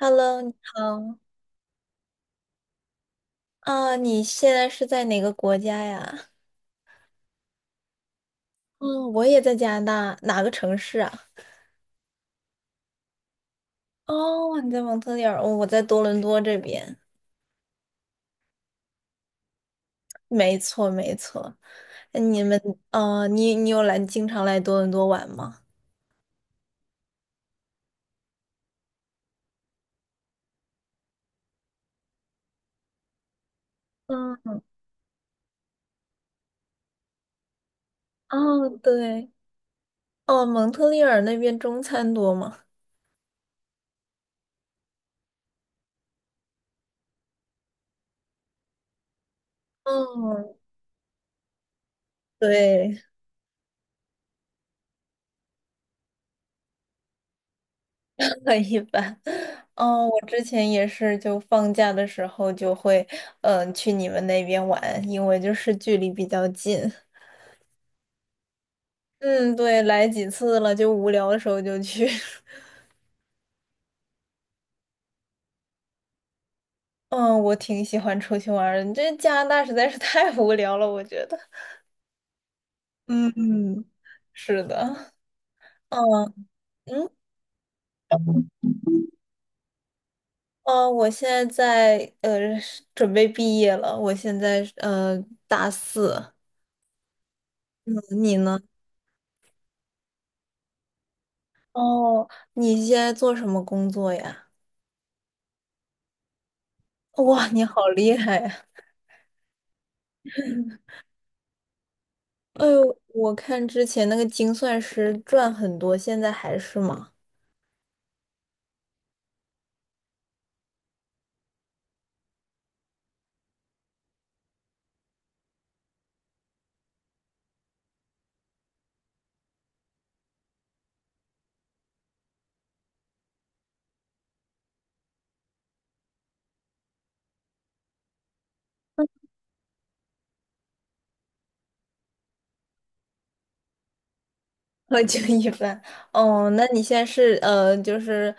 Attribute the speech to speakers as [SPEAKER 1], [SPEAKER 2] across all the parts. [SPEAKER 1] Hello，你好。啊，你现在是在哪个国家呀？嗯，我也在加拿大，哪个城市啊？哦，你在蒙特利尔，哦我在多伦多这边。没错，没错。你们，你有经常来多伦多玩吗？嗯，哦，对，哦，蒙特利尔那边中餐多吗？嗯，对，很一般。哦，我之前也是，就放假的时候就会，去你们那边玩，因为就是距离比较近。嗯，对，来几次了，就无聊的时候就去。嗯，我挺喜欢出去玩儿的，这加拿大实在是太无聊了，我觉得。嗯嗯，是的。嗯嗯我现在是准备毕业了，我现在大四。嗯你呢？哦，你现在做什么工作呀？哇，你好厉害呀！哎呦，我看之前那个精算师赚很多，现在还是吗？就一般。哦，那你现在是就是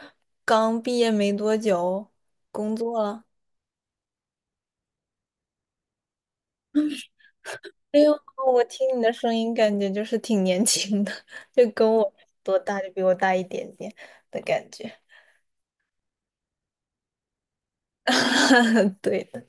[SPEAKER 1] 刚毕业没多久，工作了？哎呦，我听你的声音，感觉就是挺年轻的，就跟我多大，就比我大一点点的感觉。对。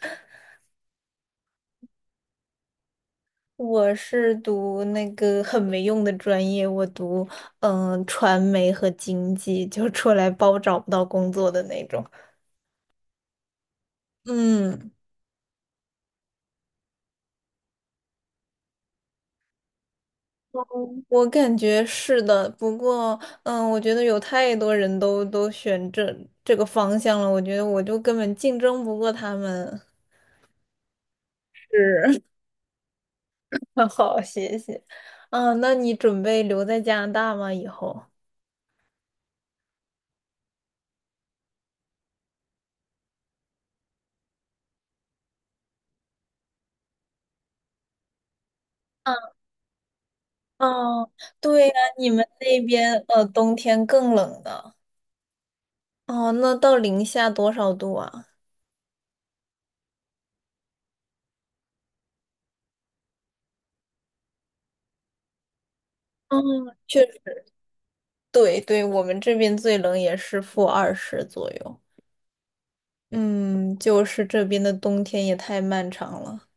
[SPEAKER 1] 我是读那个很没用的专业，我读传媒和经济，就出来包找不到工作的那种。嗯，我感觉是的，不过，嗯，我觉得有太多人都选这个方向了，我觉得我就根本竞争不过他们。是，好，谢谢。嗯，那你准备留在加拿大吗？以后？哦，对呀，你们那边冬天更冷的。哦，那到零下多少度啊？嗯，确实，对对，我们这边最冷也是负二十左右。嗯，就是这边的冬天也太漫长了。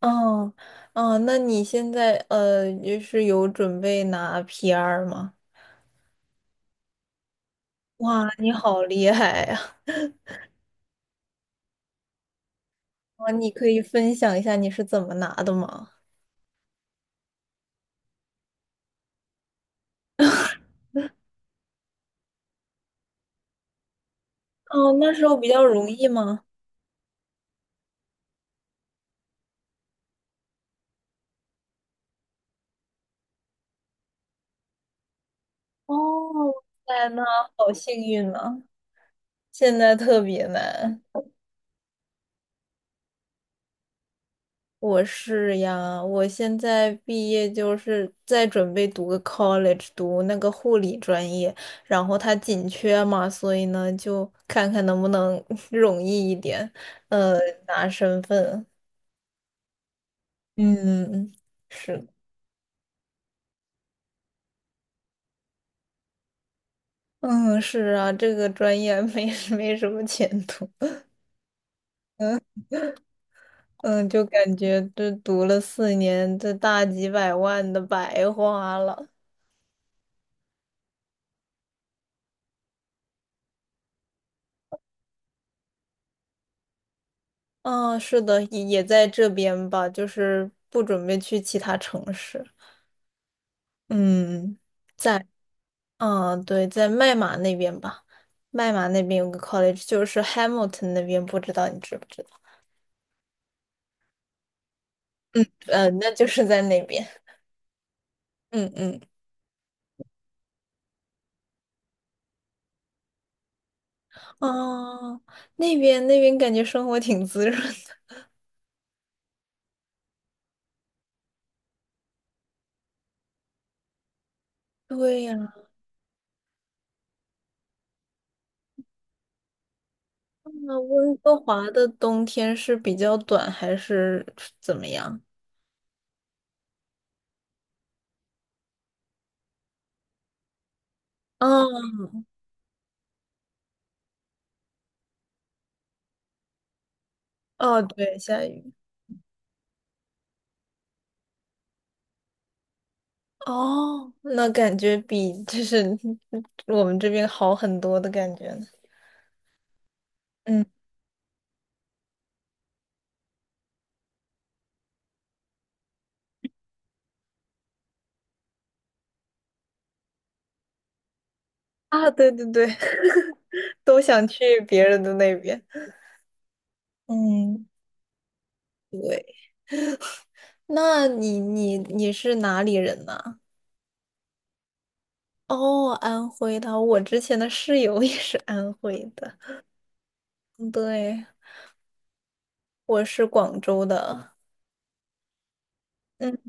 [SPEAKER 1] 哦，哦，那你现在就是有准备拿 PR 吗？哇，你好厉害呀 哇，你可以分享一下你是怎么拿的吗？哦，那时候比较容易吗？哦，哇塞，那好幸运呢，现在特别难。我是呀，我现在毕业就是在准备读个 college，读那个护理专业，然后它紧缺嘛，所以呢就看看能不能 容易一点，呃，拿身份。嗯，是，嗯，是啊，这个专业没 没什么前途。嗯嗯，就感觉这读了四年，这大几百万的白花了。嗯，是的，也在这边吧，就是不准备去其他城市。嗯嗯，对，在麦马那边吧，麦马那边有个 college，就是 Hamilton 那边，不知道你知不知道？嗯，那就是在那边。嗯嗯，哦，那边感觉生活挺滋润的。对呀，那温哥华的冬天是比较短还是怎么样？哦哦，对，下雨。哦，那感觉比就是 我们这边好很多的感觉呢嗯啊，对对对，都想去别人的那边。嗯，对。那你是哪里人呢？哦，安徽的，我之前的室友也是安徽的。嗯对，我是广州的。嗯，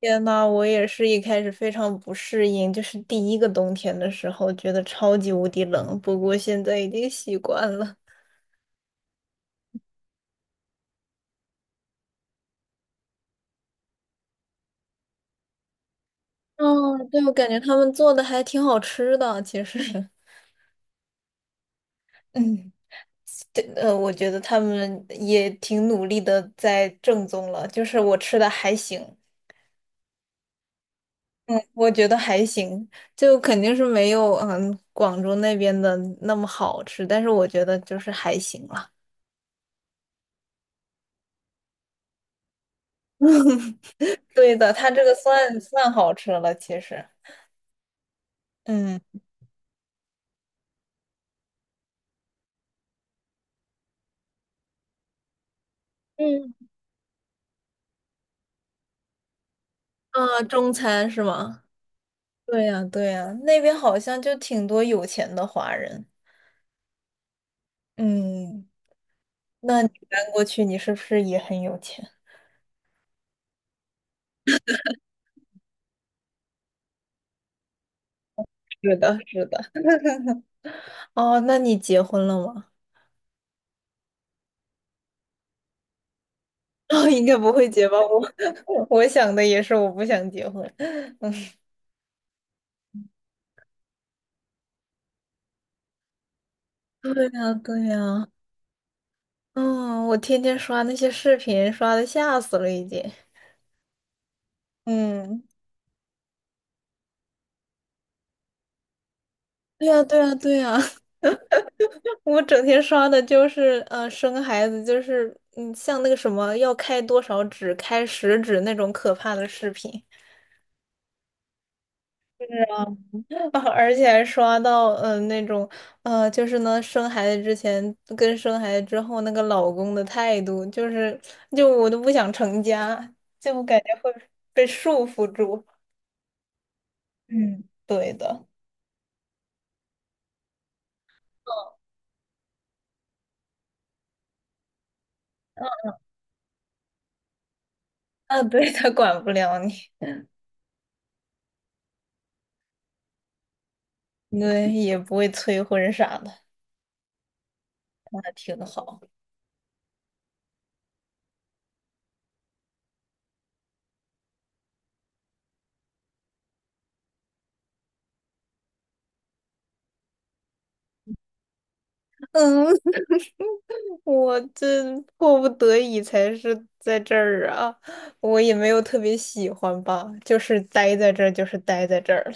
[SPEAKER 1] 天呐，我也是一开始非常不适应，就是第一个冬天的时候，觉得超级无敌冷，不过现在已经习惯了。嗯，对，我感觉他们做的还挺好吃的，其实。嗯，对，我觉得他们也挺努力的在正宗了，就是我吃的还行，嗯，我觉得还行，就肯定是没有广州那边的那么好吃，但是我觉得就是还行了。对的，它这个算算好吃了，其实，嗯，嗯，啊，中餐是吗？对呀，对呀，那边好像就挺多有钱的华人，嗯。那你搬过去，你是不是也很有钱？是的，是的。哦，那你结婚了吗？哦，应该不会结吧？我 我想的也是，我不想结婚。对呀，对呀，嗯，我天天刷那些视频，刷的吓死了，已经。嗯，对呀，对呀，对呀，我整天刷的就是生孩子就是像那个什么要开多少指，开十指那种可怕的视频。是啊。啊而且还刷到，那种，就是呢，生孩子之前跟生孩子之后那个老公的态度，就是，就我都不想成家，就感觉会被束缚住。嗯，对的，啊，对，他管不了你，对，也不会催婚啥的，那挺好。嗯，我这迫不得已才是在这儿啊，我也没有特别喜欢吧，就是待在这儿，就是待在这儿。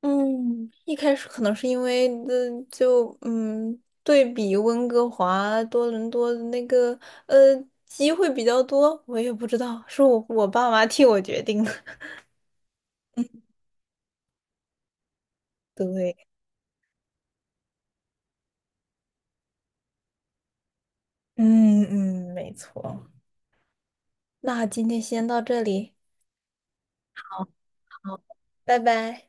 [SPEAKER 1] 嗯，一开始可能是因为就对比温哥华、多伦多的那个呃机会比较多，我也不知道是我爸妈替我决定的。对，嗯嗯，没错。那今天先到这里，拜拜。